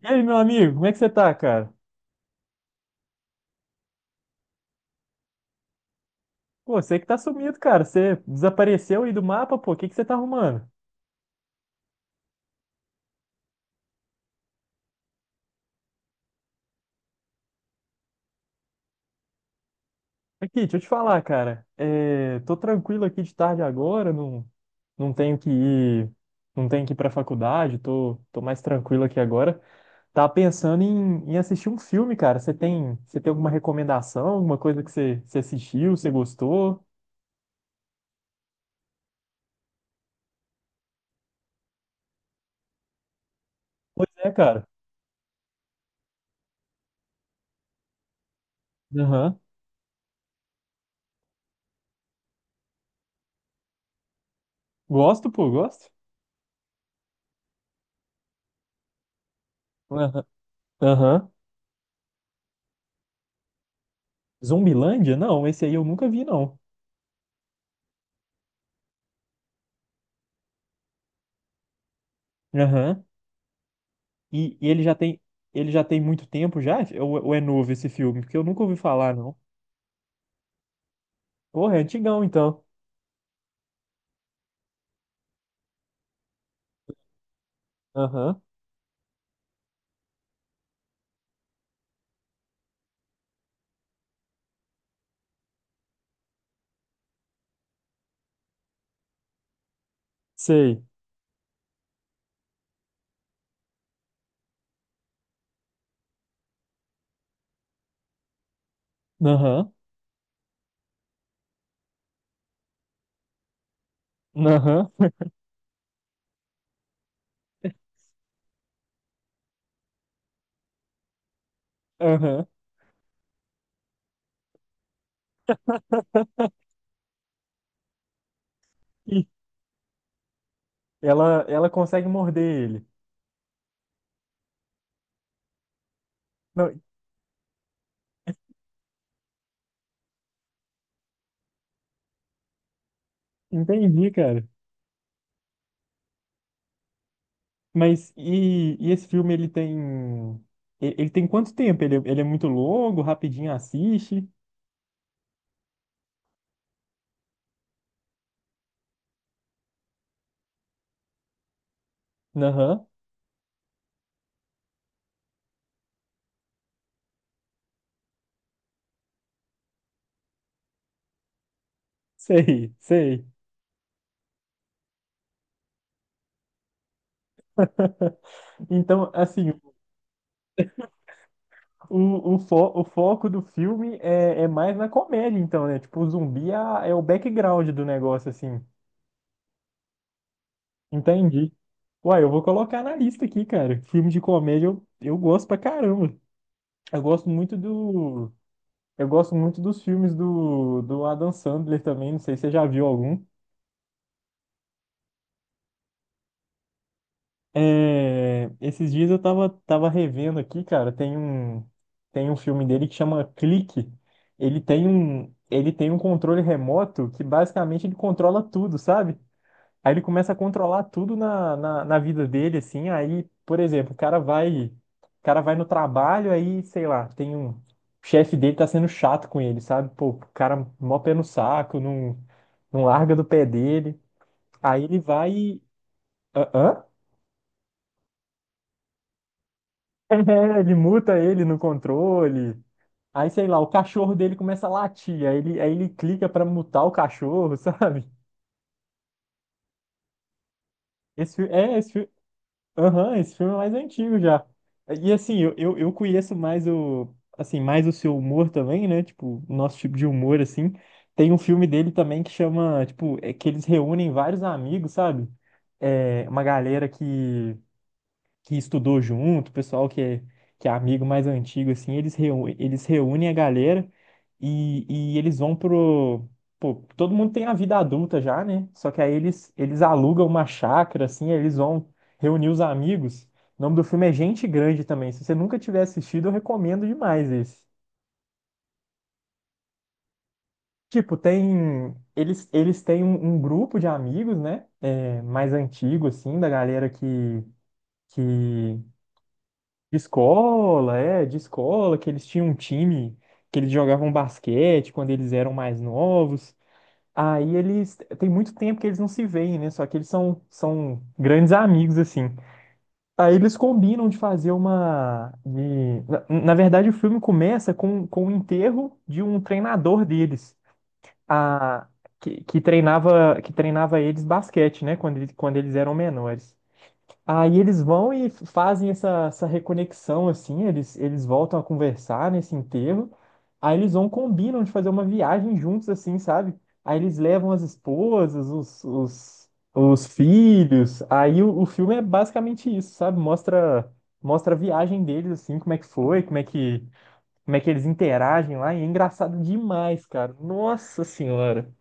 E aí, meu amigo, como é que você tá, cara? Pô, você que tá sumido, cara. Você desapareceu aí do mapa, pô. O que que você tá arrumando? Aqui, deixa eu te falar, cara. É, tô tranquilo aqui de tarde agora, não tenho que ir, não tenho que ir pra faculdade, tô mais tranquilo aqui agora. Tava pensando em assistir um filme, cara. Você tem alguma recomendação, alguma coisa que você assistiu, você gostou? Pois é, cara. Aham. Gosto, pô, gosto. Aham. Aham. Zumbilândia? Não, esse aí eu nunca vi, não. Aham. E ele já tem muito tempo já? Ou é novo esse filme? Porque eu nunca ouvi falar, não. Porra, é antigão, então. Aham, sei. Aham, aham, aham. E ela consegue morder ele. Não, entendi, cara. Mas e esse filme, Ele tem quanto tempo? Ele é muito longo, rapidinho assiste? Aham, sei, sei. Então, assim. O foco do filme é mais na comédia, então, né? Tipo, o zumbi é o background do negócio, assim. Entendi. Uai, eu vou colocar na lista aqui, cara. Filme de comédia eu gosto pra caramba. Eu gosto muito do. Eu gosto muito dos filmes do Adam Sandler também. Não sei se você já viu algum. É, esses dias eu tava revendo aqui, cara, tem um filme dele que chama Clique. Ele tem um controle remoto que basicamente ele controla tudo, sabe? Aí ele começa a controlar tudo na vida dele, assim. Aí, por exemplo, o cara vai no trabalho, aí, sei lá, o chefe dele tá sendo chato com ele, sabe? Pô, o cara mó pé no saco, não larga do pé dele. Aí ele vai. Hã? É, ele muta ele no controle. Aí, sei lá, o cachorro dele começa a latir. Aí ele clica pra mutar o cachorro, sabe? Esse, fi- é, esse, fi- aham, esse filme é mais antigo já. E assim, eu conheço assim, mais o seu humor também, né? Tipo, o nosso tipo de humor, assim. Tem um filme dele também que chama, tipo, é que eles reúnem vários amigos, sabe? É, uma galera que estudou junto, o pessoal que é amigo mais antigo, assim, eles reúnem a galera e, e eles vão pro. Pô, todo mundo tem a vida adulta já, né? Só que aí eles alugam uma chácara, assim, aí eles vão reunir os amigos. O nome do filme é Gente Grande também. Se você nunca tiver assistido, eu recomendo demais esse. Tipo, tem. Eles têm um grupo de amigos, né? É, mais antigo, assim, da galera que. De escola, é, de escola, que eles tinham um time, que eles jogavam basquete quando eles eram mais novos. Tem muito tempo que eles não se veem, né? Só que eles são grandes amigos, assim. Aí eles combinam de fazer uma. Na verdade, o filme começa com o enterro de um treinador deles, a, que treinava eles basquete, né? Quando eles eram menores. Aí eles vão e fazem essa reconexão, assim, eles voltam a conversar nesse enterro, aí eles combinam de fazer uma viagem juntos, assim, sabe? Aí eles levam as esposas, os filhos, aí o filme é basicamente isso, sabe? Mostra a viagem deles, assim, como é que foi, como é que eles interagem lá, e é engraçado demais, cara. Nossa Senhora!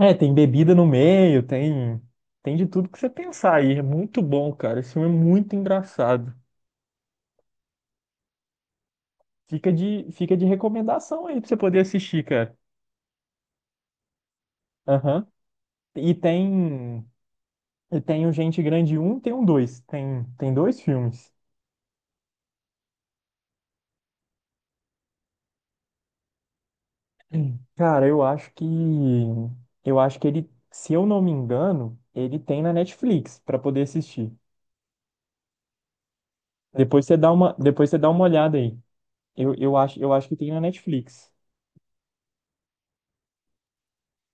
É, tem bebida no meio, tem de tudo que você pensar aí. É muito bom, cara. Esse filme é muito engraçado. Fica de recomendação aí pra você poder assistir, cara. Aham. E tem e tem o Gente Grande um, tem um dois. Tem dois filmes. Hum. Cara, eu acho que ele, se eu não me engano, ele tem na Netflix pra poder assistir. Depois você dá uma olhada aí. Eu acho que tem na Netflix.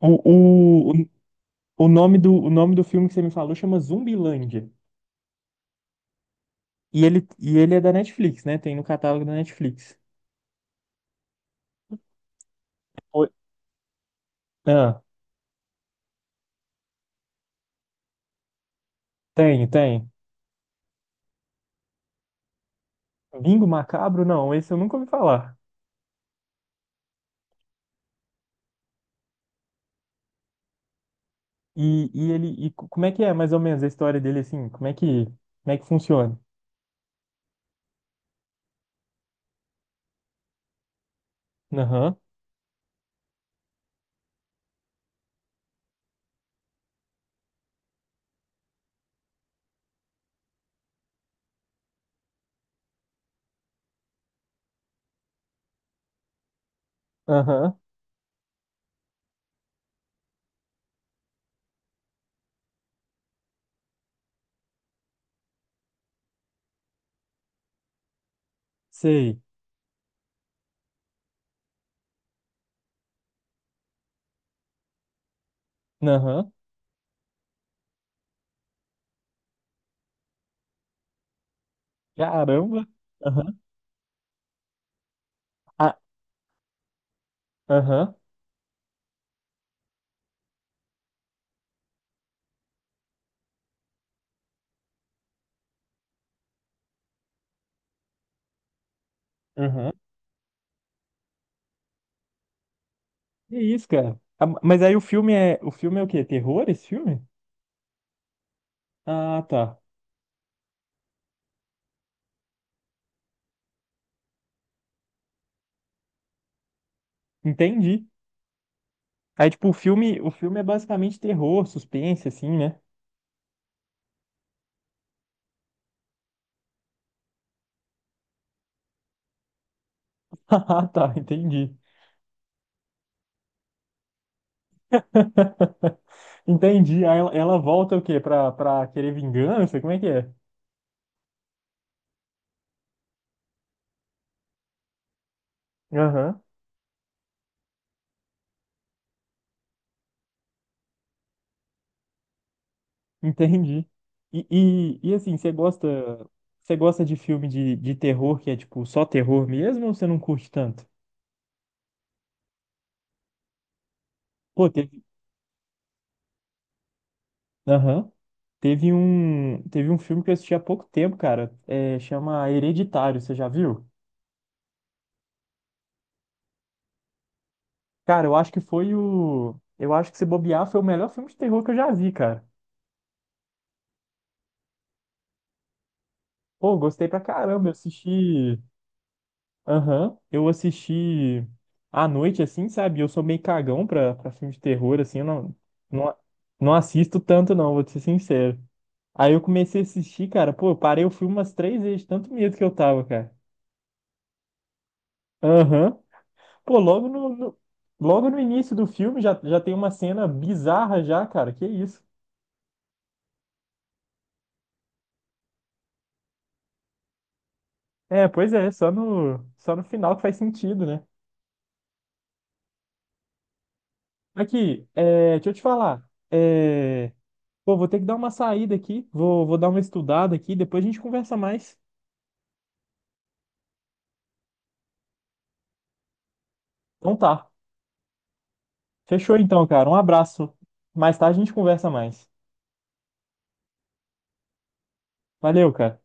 O, o, o nome do filme que você me falou chama Zumbilândia. E ele é da Netflix, né? Tem no catálogo da Netflix. Oi. Ah, tem, tem. Bingo Macabro? Não, esse eu nunca ouvi falar. Como é que é mais ou menos a história dele assim? Como é que funciona? Aham, aham, sei. Aham, caramba. Aham, ah, aham, aham. Que isso, cara? Ah, mas aí o filme é o quê? Terror, esse filme? Ah, tá. Entendi. Aí, tipo, o filme é basicamente terror, suspense, assim, né? Ah, tá, entendi. Entendi. Aí ela volta o quê? Pra querer vingança? Como é que é? Aham, entendi. Assim, você gosta de filme de terror que é, tipo, só terror mesmo ou você não curte tanto? Pô, teve, aham. Teve um filme que eu assisti há pouco tempo, cara. É, chama Hereditário, você já viu? Cara, eu acho que foi o. Eu acho que se bobear foi o melhor filme de terror que eu já vi, cara. Pô, gostei pra caramba. Eu assisti. Aham. Eu assisti à noite, assim, sabe? Eu sou meio cagão pra filme de terror, assim. Eu não, não assisto tanto, não, vou te ser sincero. Aí eu comecei a assistir, cara. Pô, eu parei o filme umas três vezes, de tanto medo que eu tava, cara. Aham. Pô, logo no início do filme já tem uma cena bizarra já, cara. Que isso? É, pois é, só no final que faz sentido, né? Aqui, deixa eu te falar. É, pô, vou ter que dar uma saída aqui. Vou dar uma estudada aqui. Depois a gente conversa mais. Então tá. Fechou então, cara. Um abraço. Mais tarde a gente conversa mais. Valeu, cara.